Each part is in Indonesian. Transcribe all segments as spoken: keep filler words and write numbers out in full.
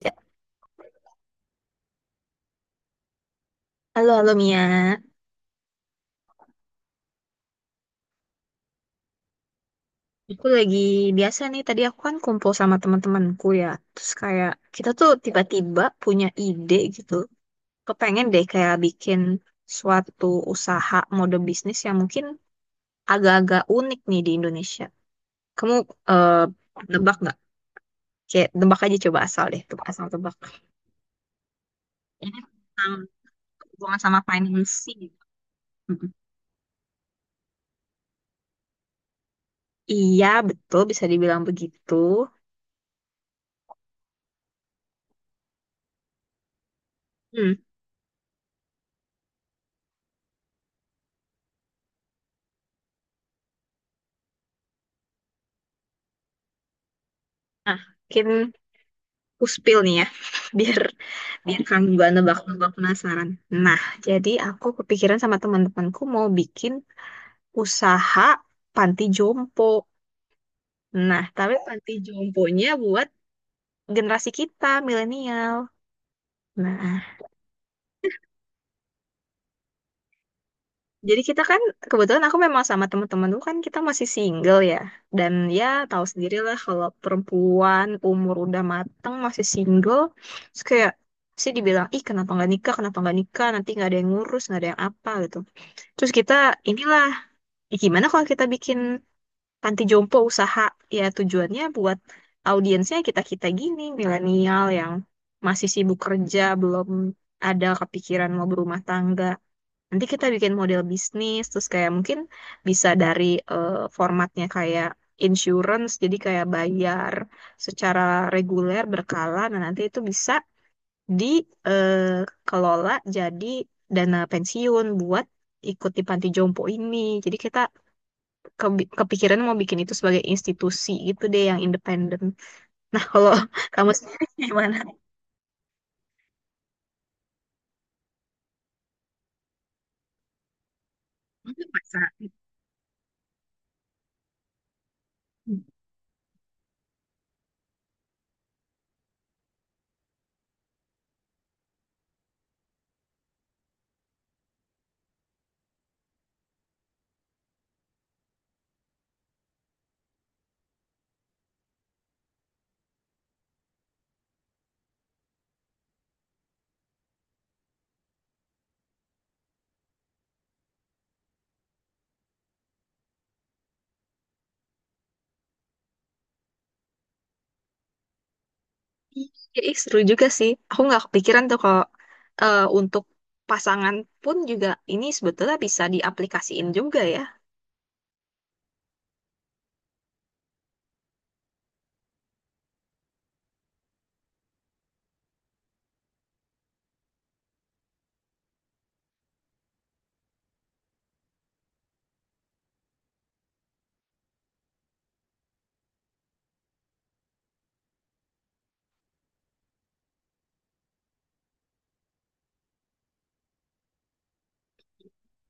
Ya, halo, halo Mia. Aku lagi biasa nih, tadi aku kan kumpul sama teman-temanku ya. Terus kayak kita tuh tiba-tiba punya ide gitu. Kepengen deh kayak bikin suatu usaha mode bisnis yang mungkin agak-agak unik nih di Indonesia. Kamu eh nebak nggak? Kayak nebak aja coba asal deh, tebak asal tebak. Ini tentang hubungan sama financing. Mm-mm. Iya, betul bisa dibilang begitu. Hmm. Nah, mungkin aku spill nih ya, biar biar kamu juga nebak-nebak penasaran. Nah, jadi aku kepikiran sama teman-temanku mau bikin usaha panti jompo. Nah, tapi panti jomponya buat generasi kita, milenial. Nah, jadi kita kan kebetulan aku memang sama teman-teman dulu kan kita masih single ya. Dan ya tahu sendirilah kalau perempuan umur udah mateng masih single, terus kayak sih dibilang, ih kenapa nggak nikah, kenapa nggak nikah, nanti nggak ada yang ngurus, nggak ada yang apa gitu. Terus kita inilah, ya, gimana kalau kita bikin panti jompo usaha? Ya tujuannya buat audiensnya kita-kita gini, milenial yang masih sibuk kerja, belum ada kepikiran mau berumah tangga. Nanti kita bikin model bisnis, terus kayak mungkin bisa dari eh, formatnya kayak insurance, jadi kayak bayar secara reguler, berkala. Nah, nanti itu bisa dikelola jadi dana pensiun buat ikut di panti jompo ini. Jadi kita kebi- kepikiran mau bikin itu sebagai institusi gitu deh yang independen. Nah, kalau kamu sendiri gimana? Mungkin masa. Iya, ih, seru juga sih. Aku nggak kepikiran tuh kalau eh, untuk pasangan pun juga ini sebetulnya bisa diaplikasiin juga ya.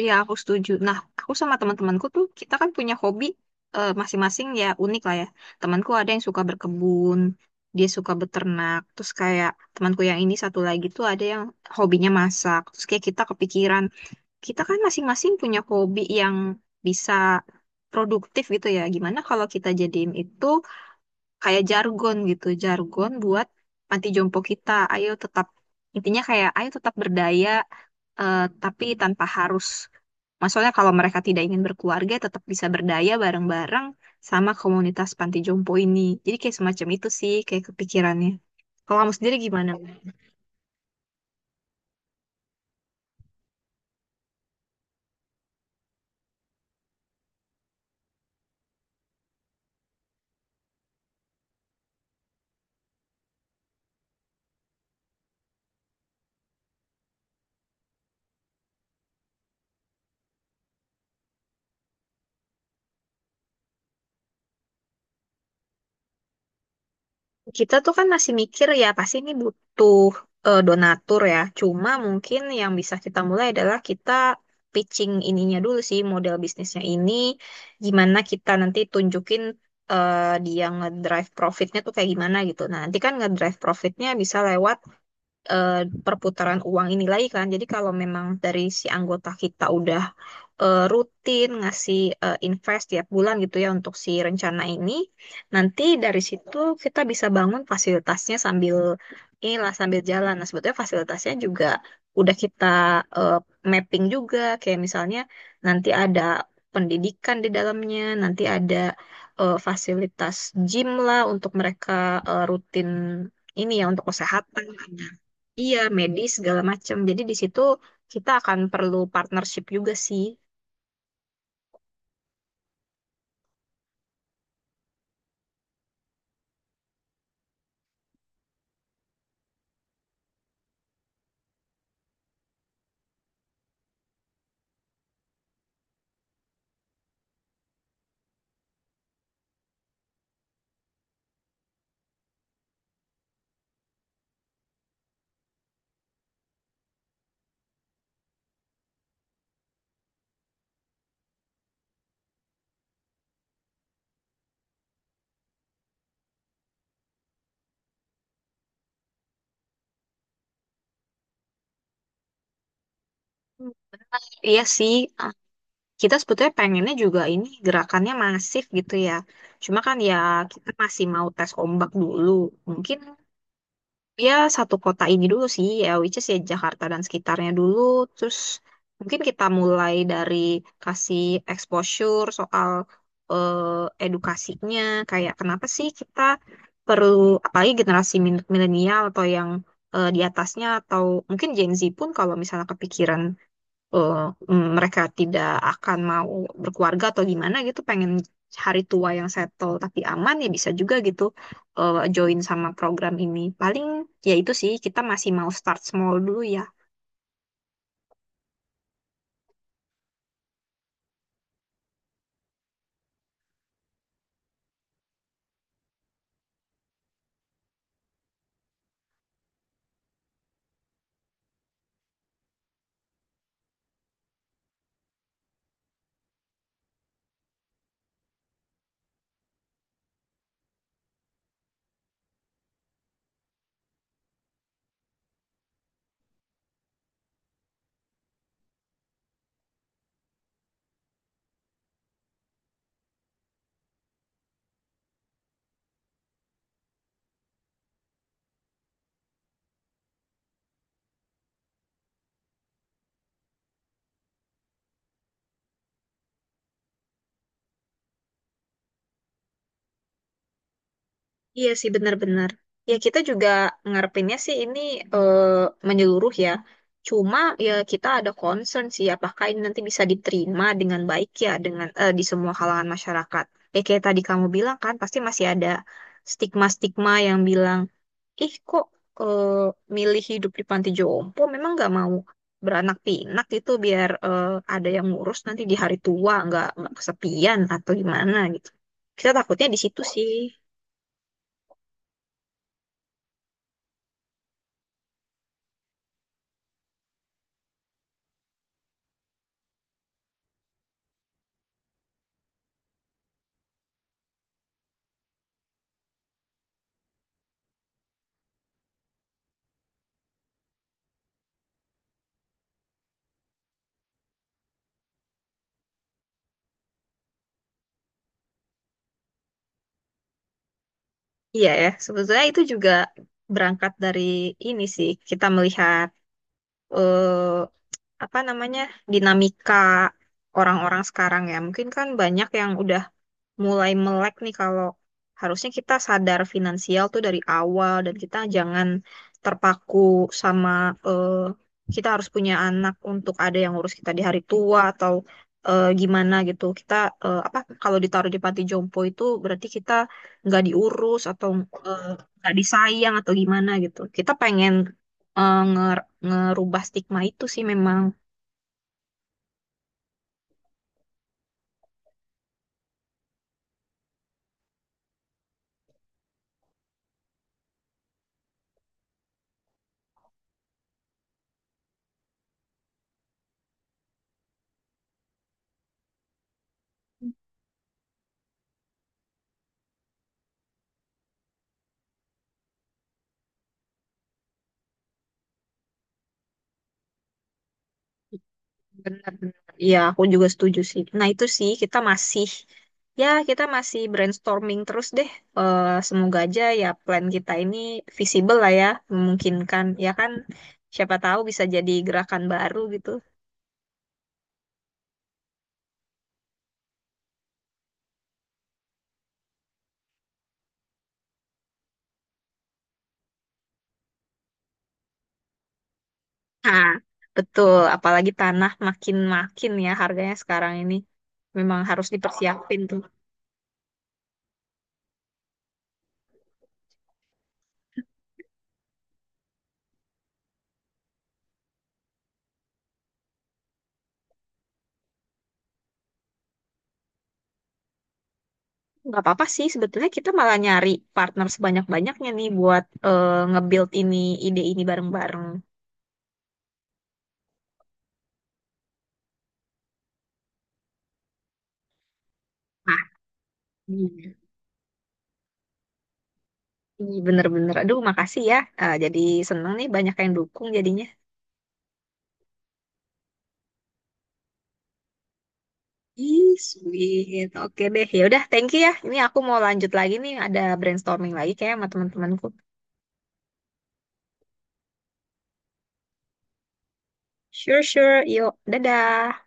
Iya, aku setuju. Nah, aku sama teman-temanku tuh kita kan punya hobi eh, masing-masing ya unik lah ya. Temanku ada yang suka berkebun, dia suka beternak. Terus kayak temanku yang ini satu lagi tuh ada yang hobinya masak. Terus kayak kita kepikiran kita kan masing-masing punya hobi yang bisa produktif gitu ya. Gimana kalau kita jadiin itu kayak jargon gitu, jargon buat panti jompo kita. Ayo tetap, intinya kayak ayo tetap berdaya, eh, tapi tanpa harus. Maksudnya kalau mereka tidak ingin berkeluarga, tetap bisa berdaya bareng-bareng sama komunitas panti jompo ini. Jadi kayak semacam itu sih, kayak kepikirannya. Kalau kamu sendiri gimana? Kita tuh kan masih mikir ya pasti ini butuh eh, donatur ya. Cuma mungkin yang bisa kita mulai adalah kita pitching ininya dulu sih model bisnisnya ini. Gimana kita nanti tunjukin eh, dia ngedrive profitnya tuh kayak gimana gitu. Nah nanti kan ngedrive profitnya bisa lewat eh, perputaran uang ini lagi kan. Jadi kalau memang dari si anggota kita udah eh, rutin ngasih eh, invest tiap bulan gitu ya untuk si rencana ini, nanti dari situ kita bisa bangun fasilitasnya sambil inilah sambil jalan. Nah, sebetulnya fasilitasnya juga udah kita eh, mapping juga kayak misalnya nanti ada pendidikan di dalamnya, nanti ada eh, fasilitas gym lah untuk mereka eh, rutin ini ya untuk kesehatan. Iya, medis segala macam. Jadi di situ kita akan perlu partnership juga sih. Hmm. Iya sih, ah, kita sebetulnya pengennya juga ini gerakannya masif gitu ya. Cuma kan ya kita masih mau tes ombak dulu. Mungkin ya satu kota ini dulu sih ya which is ya Jakarta dan sekitarnya dulu terus mungkin kita mulai dari kasih exposure soal eh, edukasinya kayak kenapa sih kita perlu apalagi generasi min- milenial atau yang eh, di atasnya atau mungkin Gen Z pun kalau misalnya kepikiran eh, mm, mereka tidak akan mau berkeluarga atau gimana gitu, pengen hari tua yang settle tapi aman ya bisa juga gitu eh, join sama program ini. Paling ya itu sih kita masih mau start small dulu ya. Iya sih benar-benar. Ya kita juga ngarepinnya sih ini eh, menyeluruh ya. Cuma ya kita ada concern sih apakah ini nanti bisa diterima dengan baik ya dengan, eh, di semua kalangan masyarakat. Ya kayak tadi kamu bilang kan pasti masih ada stigma-stigma yang bilang ih kok eh, milih hidup di panti jompo memang nggak mau beranak pinak gitu biar eh, ada yang ngurus nanti di hari tua nggak nggak kesepian atau gimana gitu kita takutnya di situ sih. Iya ya sebetulnya itu juga berangkat dari ini sih kita melihat eh, apa namanya dinamika orang-orang sekarang ya mungkin kan banyak yang udah mulai melek nih kalau harusnya kita sadar finansial tuh dari awal dan kita jangan terpaku sama eh, kita harus punya anak untuk ada yang ngurus kita di hari tua atau eh, gimana gitu. Kita eh, apa kalau ditaruh di panti jompo itu berarti kita nggak diurus atau eh, nggak disayang atau gimana gitu. Kita pengen eh, nger- ngerubah stigma itu sih memang. Benar-benar. Iya, aku juga setuju sih. Nah, itu sih kita masih ya kita masih brainstorming terus deh. Eh, semoga aja ya plan kita ini visible lah ya, memungkinkan. Ya kan, siapa tahu bisa jadi gerakan baru gitu. Nah, betul. Apalagi tanah makin-makin ya harganya sekarang ini. Memang harus dipersiapin tuh. Nggak apa-apa sih sebetulnya kita malah nyari partner sebanyak-banyaknya nih buat eh, nge-build ini ide ini bareng-bareng. Nah, iya. Ih, bener-bener. Aduh, makasih ya. Ah, jadi seneng nih banyak yang dukung jadinya. Ih, sweet. Oke deh. Ya udah, thank you ya. Ini aku mau lanjut lagi nih. Ada brainstorming lagi kayak sama teman-temanku. Sure, sure. Yuk, dadah.